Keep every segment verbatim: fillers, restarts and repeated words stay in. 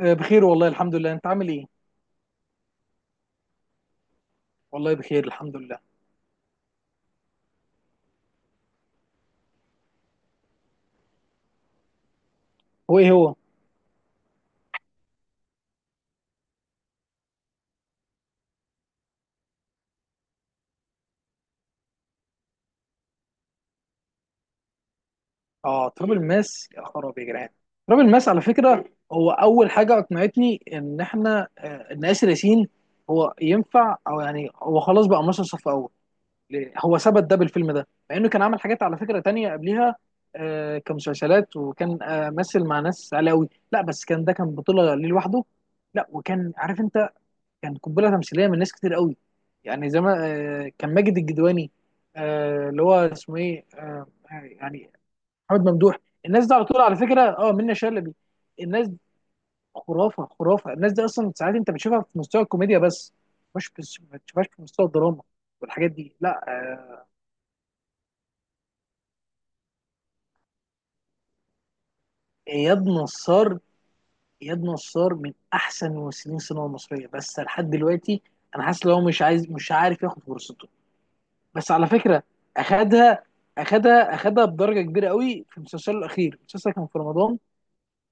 آه، بخير والله الحمد لله. انت عامل ايه؟ والله بخير الحمد لله. هو ايه هو؟ اه، تراب الماس، يا خرابي يا جدعان! تراب الماس على فكره. هو اول حاجه اقنعتني ان احنا آه، ان اسر ياسين، هو ينفع، او يعني هو خلاص بقى مصر صف اول؟ ليه؟ هو ثبت ده بالفيلم ده، مع انه كان عمل حاجات على فكره تانية قبلها. آه، كمسلسلات، وكان آه، مثل مع ناس علاوي، لا بس كان ده كان بطوله ليه لوحده. لا، وكان عارف انت، كان قنبله تمثيليه من ناس كتير قوي. يعني زي ما، آه، كان ماجد الجدواني، آه، اللي هو اسمه ايه، آه، آه، يعني محمد ممدوح. الناس دي على طول على فكره. اه، منة شلبي. الناس دي خرافه، خرافه. الناس دي اصلا ساعات انت بتشوفها في مستوى الكوميديا بس، مش بس، ما بتشوفهاش في مستوى الدراما والحاجات دي. لا، آه، اياد نصار، اياد نصار من احسن ممثلين السينما المصريه بس لحد دلوقتي. انا حاسس ان هو مش عايز مش عارف ياخد فرصته، بس على فكره اخدها، اخدها اخدها بدرجه كبيره قوي في مسلسله الاخير. المسلسل كان في رمضان،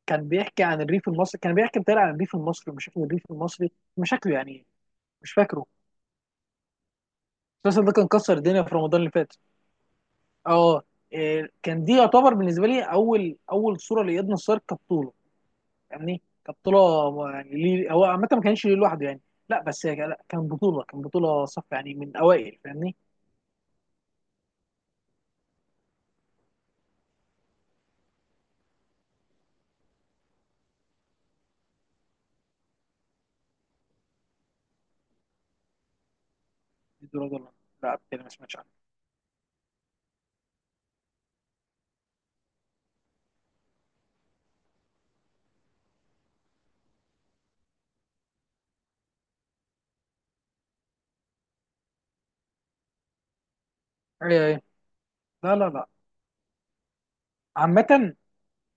كان بيحكي عن الريف المصري، كان بيحكي بتاع عن الريف المصري ومشاكل الريف المصري، مشاكله يعني. مش فاكره. المسلسل ده كان كسر الدنيا في رمضان اللي فات. اه، إيه، كان دي يعتبر بالنسبه لي اول اول صوره لاياد نصار كبطوله، يعني كبطوله، يعني ليه هو عامه ما كانش ليه لوحده يعني. لا بس هي كان- لا كان بطوله كان بطوله صف يعني، من اوائل، فاهمني. دي درجه. لا، بالتالي ما سمعتش عنها. إيه، ايه. لا لا لا. عامة،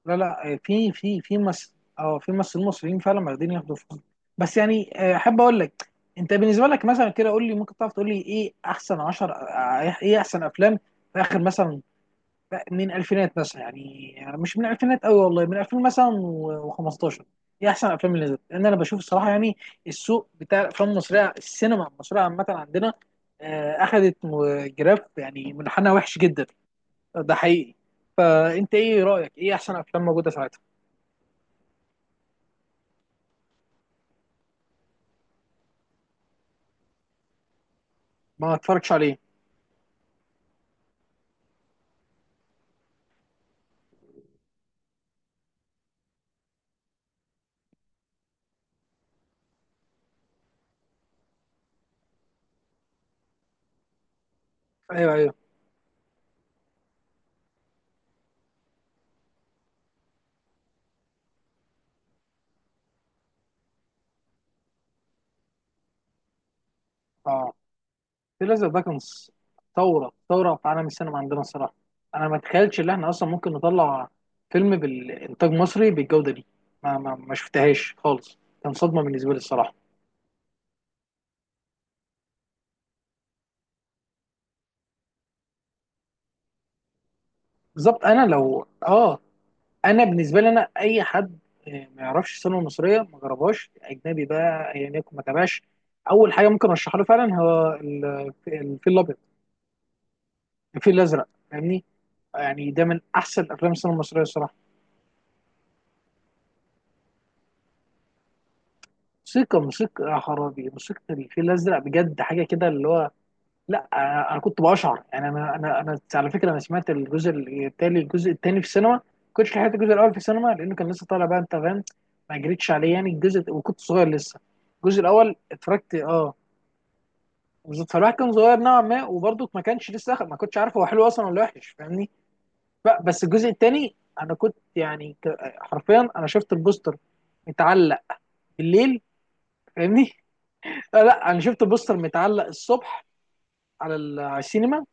لا لا، آه، في في في مس اه في ممثلين مصريين فعلا واخدين ياخدوا فلوس. بس يعني، آه، احب اقول لك، انت بالنسبه لك مثلا كده، قول لي، ممكن تعرف تقول لي ايه احسن عشرة، ايه إيه احسن افلام في اخر مثلا، آه، من الفينات مثلا، يعني يعني مش من الفينات قوي، والله من الفين مثلا و15، ايه احسن افلام اللي نزلت؟ لان انا بشوف الصراحه يعني السوق بتاع الافلام المصريه، السينما المصريه عامه عندنا، آه، اخذت م- جراف، يعني منحنى وحش جدا. ده حقيقي. فانت ايه رايك، ايه احسن افلام موجوده ساعتها؟ ما اتفرجش عليه. ايوه، ايوه، اه. في لازم ده كان ص- ثوره، ثوره في عالم السينما عندنا الصراحه. انا ما اتخيلش ان احنا اصلا ممكن نطلع فيلم بالانتاج مصري بالجوده دي. ما ما, ما شفتهاش خالص، كان صدمه بالنسبه لي الصراحه. بالظبط. انا لو اه انا بالنسبه لي، انا اي حد آه، ما يعرفش السينما المصريه، ما جربهاش، اجنبي بقى ايا يكن ما تابعش، اول حاجه ممكن ارشحها له فعلا هو ال- الفيل الابيض، الفيل الازرق، فاهمني. يعني ده من احسن افلام السينما المصريه الصراحه. موسيقى، موسيقى، يا خرابي! موسيقى الفيل الازرق بجد حاجه كده اللي هو، لا انا أنا كنت بشعر، يعني انا انا انا على فكره، انا سمعت الجزء التاني، الجزء التاني في السينما. كنتش لحقت الجزء الاول في السينما لانه كان لسه طالع بقى، انت فاهم. ما جريتش عليه يعني الجزء، وكنت صغير لسه. الجزء الاول اتفرجت، اه. بالظبط، فالواحد كان صغير نوعا ما، وبرضه ما كانش لسه أخد- ما كنتش عارف هو حلو اصلا ولا وحش، فاهمني. ب- بس الجزء التاني، انا كنت يعني ك- حرفيا انا شفت البوستر متعلق بالليل، فاهمني. لا، لا، انا شفت بوستر متعلق الصبح على ال- على السينما.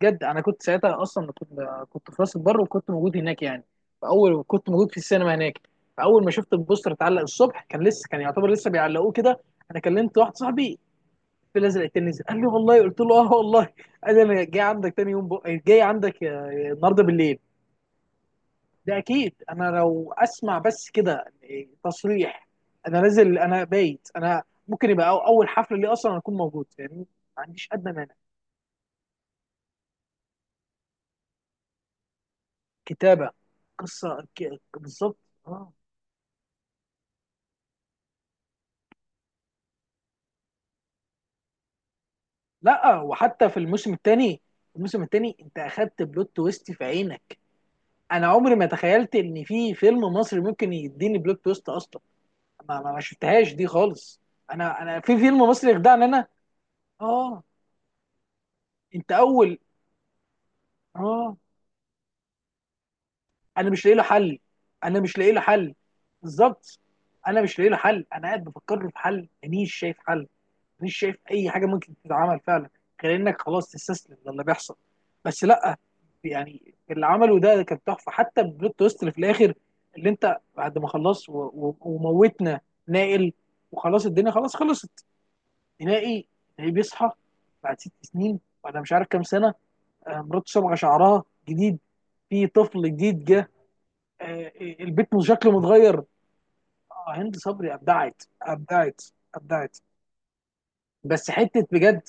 بجد، انا كنت ساعتها اصلا كنت، كنت في راس البر وكنت موجود هناك يعني، فاول كنت موجود في السينما هناك. فاول ما شفت البوستر اتعلق الصبح، كان لسه، كان يعتبر لسه بيعلقوه كده. انا كلمت واحد صاحبي، في الازرق نزل، قال لي والله، قلت له اه والله. قال لي انا جاي عندك تاني يوم بق... جاي عندك آه، النهارده بالليل. ده اكيد، انا لو اسمع بس كده تصريح انا نازل، انا بايت، انا ممكن يبقى أو- اول حفله لي اصلا اكون موجود يعني. ما عنديش ادنى مانع. كتابه، قصه ك- بالظبط. اه. لا، وحتى في الموسم الثاني، الموسم الثاني انت اخدت بلوت تويست في عينك. انا عمري ما تخيلت ان في فيلم مصري ممكن يديني بلوت تويست اصلا. ما, ما ما شفتهاش دي خالص. انا انا في فيلم مصري يخدعني انا؟ اه، انت اول، اه. انا مش لاقي له حل. انا مش لاقي له حل. بالظبط. انا مش لاقي له حل، انا قاعد بفكر له في حل، مانيش شايف حل، مانيش شايف اي حاجه ممكن تتعمل فعلا، غير انك خلاص تستسلم للي بيحصل. بس لا يعني، اللي عمله ده كان تحفه، حتى البلوت تويست اللي في الاخر، اللي انت بعد ما خلص و... و... وموتنا نائل وخلاص الدنيا خلاص خلصت، نهائي، نهائي، بيصحى بعد ست سنين، ولا مش عارف كام سنه. آه، مراته صبغه شعرها جديد، في طفل جديد جه، آه، البيت مش شكله متغير. آه، هند صبري ابدعت، ابدعت، ابدعت. بس حته بجد،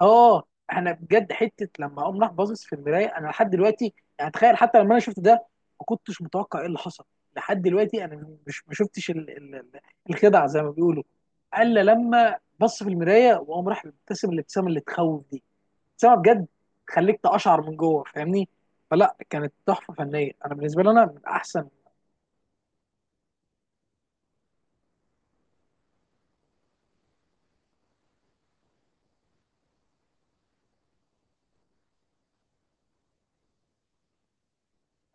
اه. انا بجد حته لما اقوم راح باصص في المرايه انا لحد دلوقتي. يعني تخيل، حتى لما انا شفت ده ما كنتش متوقع ايه اللي حصل، لحد دلوقتي انا مش ما شفتش ال- ال- ال- الخدعه زي ما بيقولوا، الا لما بص في المرايه وقام راح مبتسم الابتسامه اللي تخوف دي. ابتسامه بجد تخليك تقشعر من جوه، فاهمني. فلا كانت تحفه فنيه، انا بالنسبه لي انا من احسن.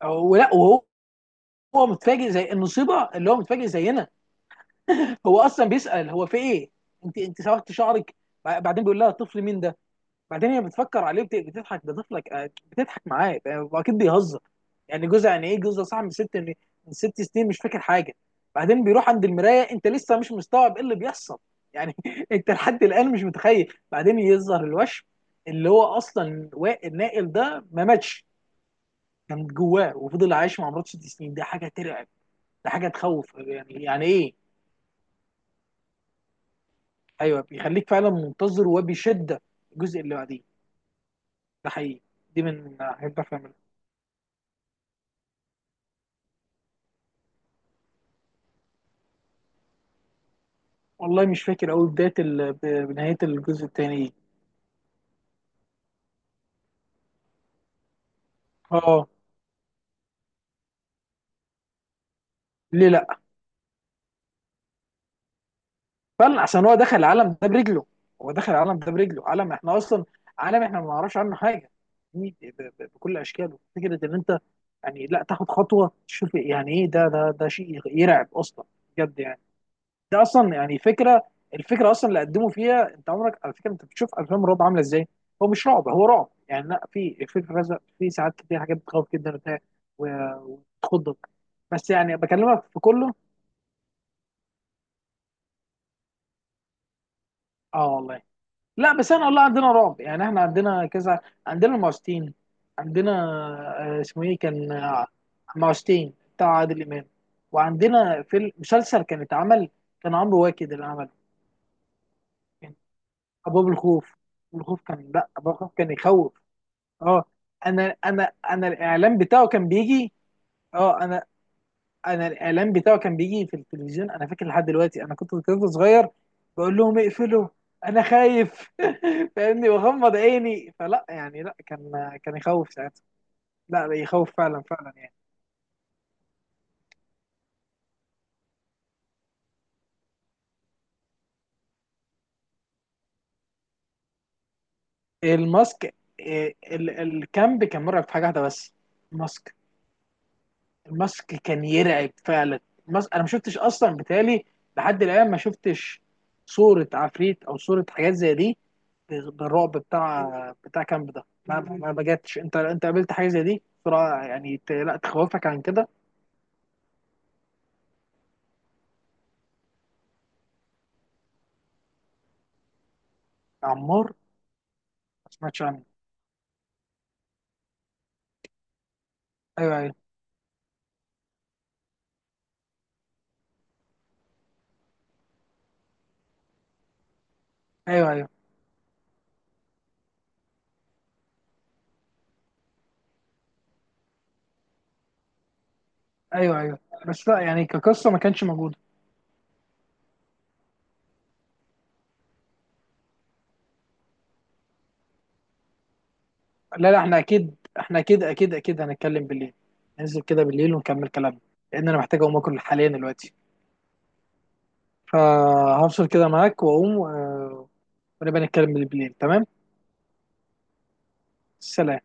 ولا وهو، هو متفاجئ زي المصيبه اللي هو متفاجئ زينا. هو اصلا بيسال هو في ايه، انت انت صبغت شعرك؟ بع- بعدين بيقول لها الطفل مين ده، بعدين هي بتفكر عليه وبت- بتضحك ده طفلك، آه، بتضحك معاه، آه، واكيد بيهزر يعني جوزها، يعني ايه جوزها صاحب من ست من من ست سنين مش فاكر حاجه. بعدين بيروح عند المرايه، انت لسه مش مستوعب ايه اللي بيحصل يعني انت لحد الان مش متخيل، بعدين يظهر الوشم، اللي هو اصلا وا- النائل ده ما ماتش، كان جواه وفضل عايش مع مراته ست سنين. دي حاجه ترعب، ده حاجه تخوف، يعني يعني ايه! ايوه، بيخليك فعلا منتظر وبشده الجزء اللي بعديه. ده حقيقي. دي من حاجات بعرف اعملها. والله مش فاكر قوي بدايه ال... ب- بنهايه الجزء الثاني دي. اه. ليه لا؟ فعلا، عشان هو دخل العالم ده برجله، هو دخل العالم ده برجله، عالم احنا اصلا، عالم احنا ما نعرفش عنه حاجه، يعني ب... ب... بكل اشكاله، فكره ان انت يعني لا تاخد خطوه تشوف يعني ايه ده، ده ده شيء يرعب اصلا بجد يعني. ده اصلا يعني فكره، الفكره اصلا اللي قدموا فيها، انت عمرك على فكره انت بتشوف افلام الرعب عامله ازاي؟ هو مش رعب، هو رعب يعني، لا في في الرزق في ساعات كتير حاجات بتخوف جدا وبتاع وتخضك، بس يعني بكلمك في كله. اه والله. لا بس انا والله عندنا رعب يعني، احنا عندنا كذا، عندنا المعوذتين، عندنا آه، اسمه ايه، كان آه، المعوذتين بتاع عادل امام. وعندنا في المسلسل كان اتعمل، كان عمرو واكد اللي عمله، كان ابواب الخوف. الخوف كان، لا ابواب الخوف كان يخوف. اه. انا انا انا الاعلان بتاعه كان بيجي، اه. انا انا الاعلان بتاعه كان بيجي في التلفزيون، انا فاكر لحد دلوقتي، انا كنت طفل صغير بقول لهم اقفلوا، انا خايف فاهمني، واغمض عيني، فلا يعني لا، كان كان يخوف ساعتها. لا، لا، يخوف فعلا فعلا يعني. الماسك، إيه، ال- الكامب كان مرعب في حاجه واحده بس، الماسك. الماسك كان يرعب فعلا. الماسك انا ما شفتش اصلا، بالتالي لحد الان ما شفتش صوره عفريت او صوره حاجات زي دي بالرعب بتاع، بتاع كامب ده. ما ما بجاتش، انت انت قابلت حاجه زي دي بسرعه، يعني ت- لا تخوفك عن كده؟ يا عمار، ما سمعتش عنه. ايوه، ايوه، ايوه، ايوه، ايوه، ايوه. بس لا يعني كقصه ما كانش موجوده. لا لا، احنا اكيد، احنا اكيد اكيد اكيد هنتكلم بالليل، ننزل كده بالليل ونكمل كلامنا، لان انا محتاج اقوم اكل حاليا دلوقتي. فهفصل كده معاك واقوم، آه، ونبقى نتكلم بالليل، تمام. سلام.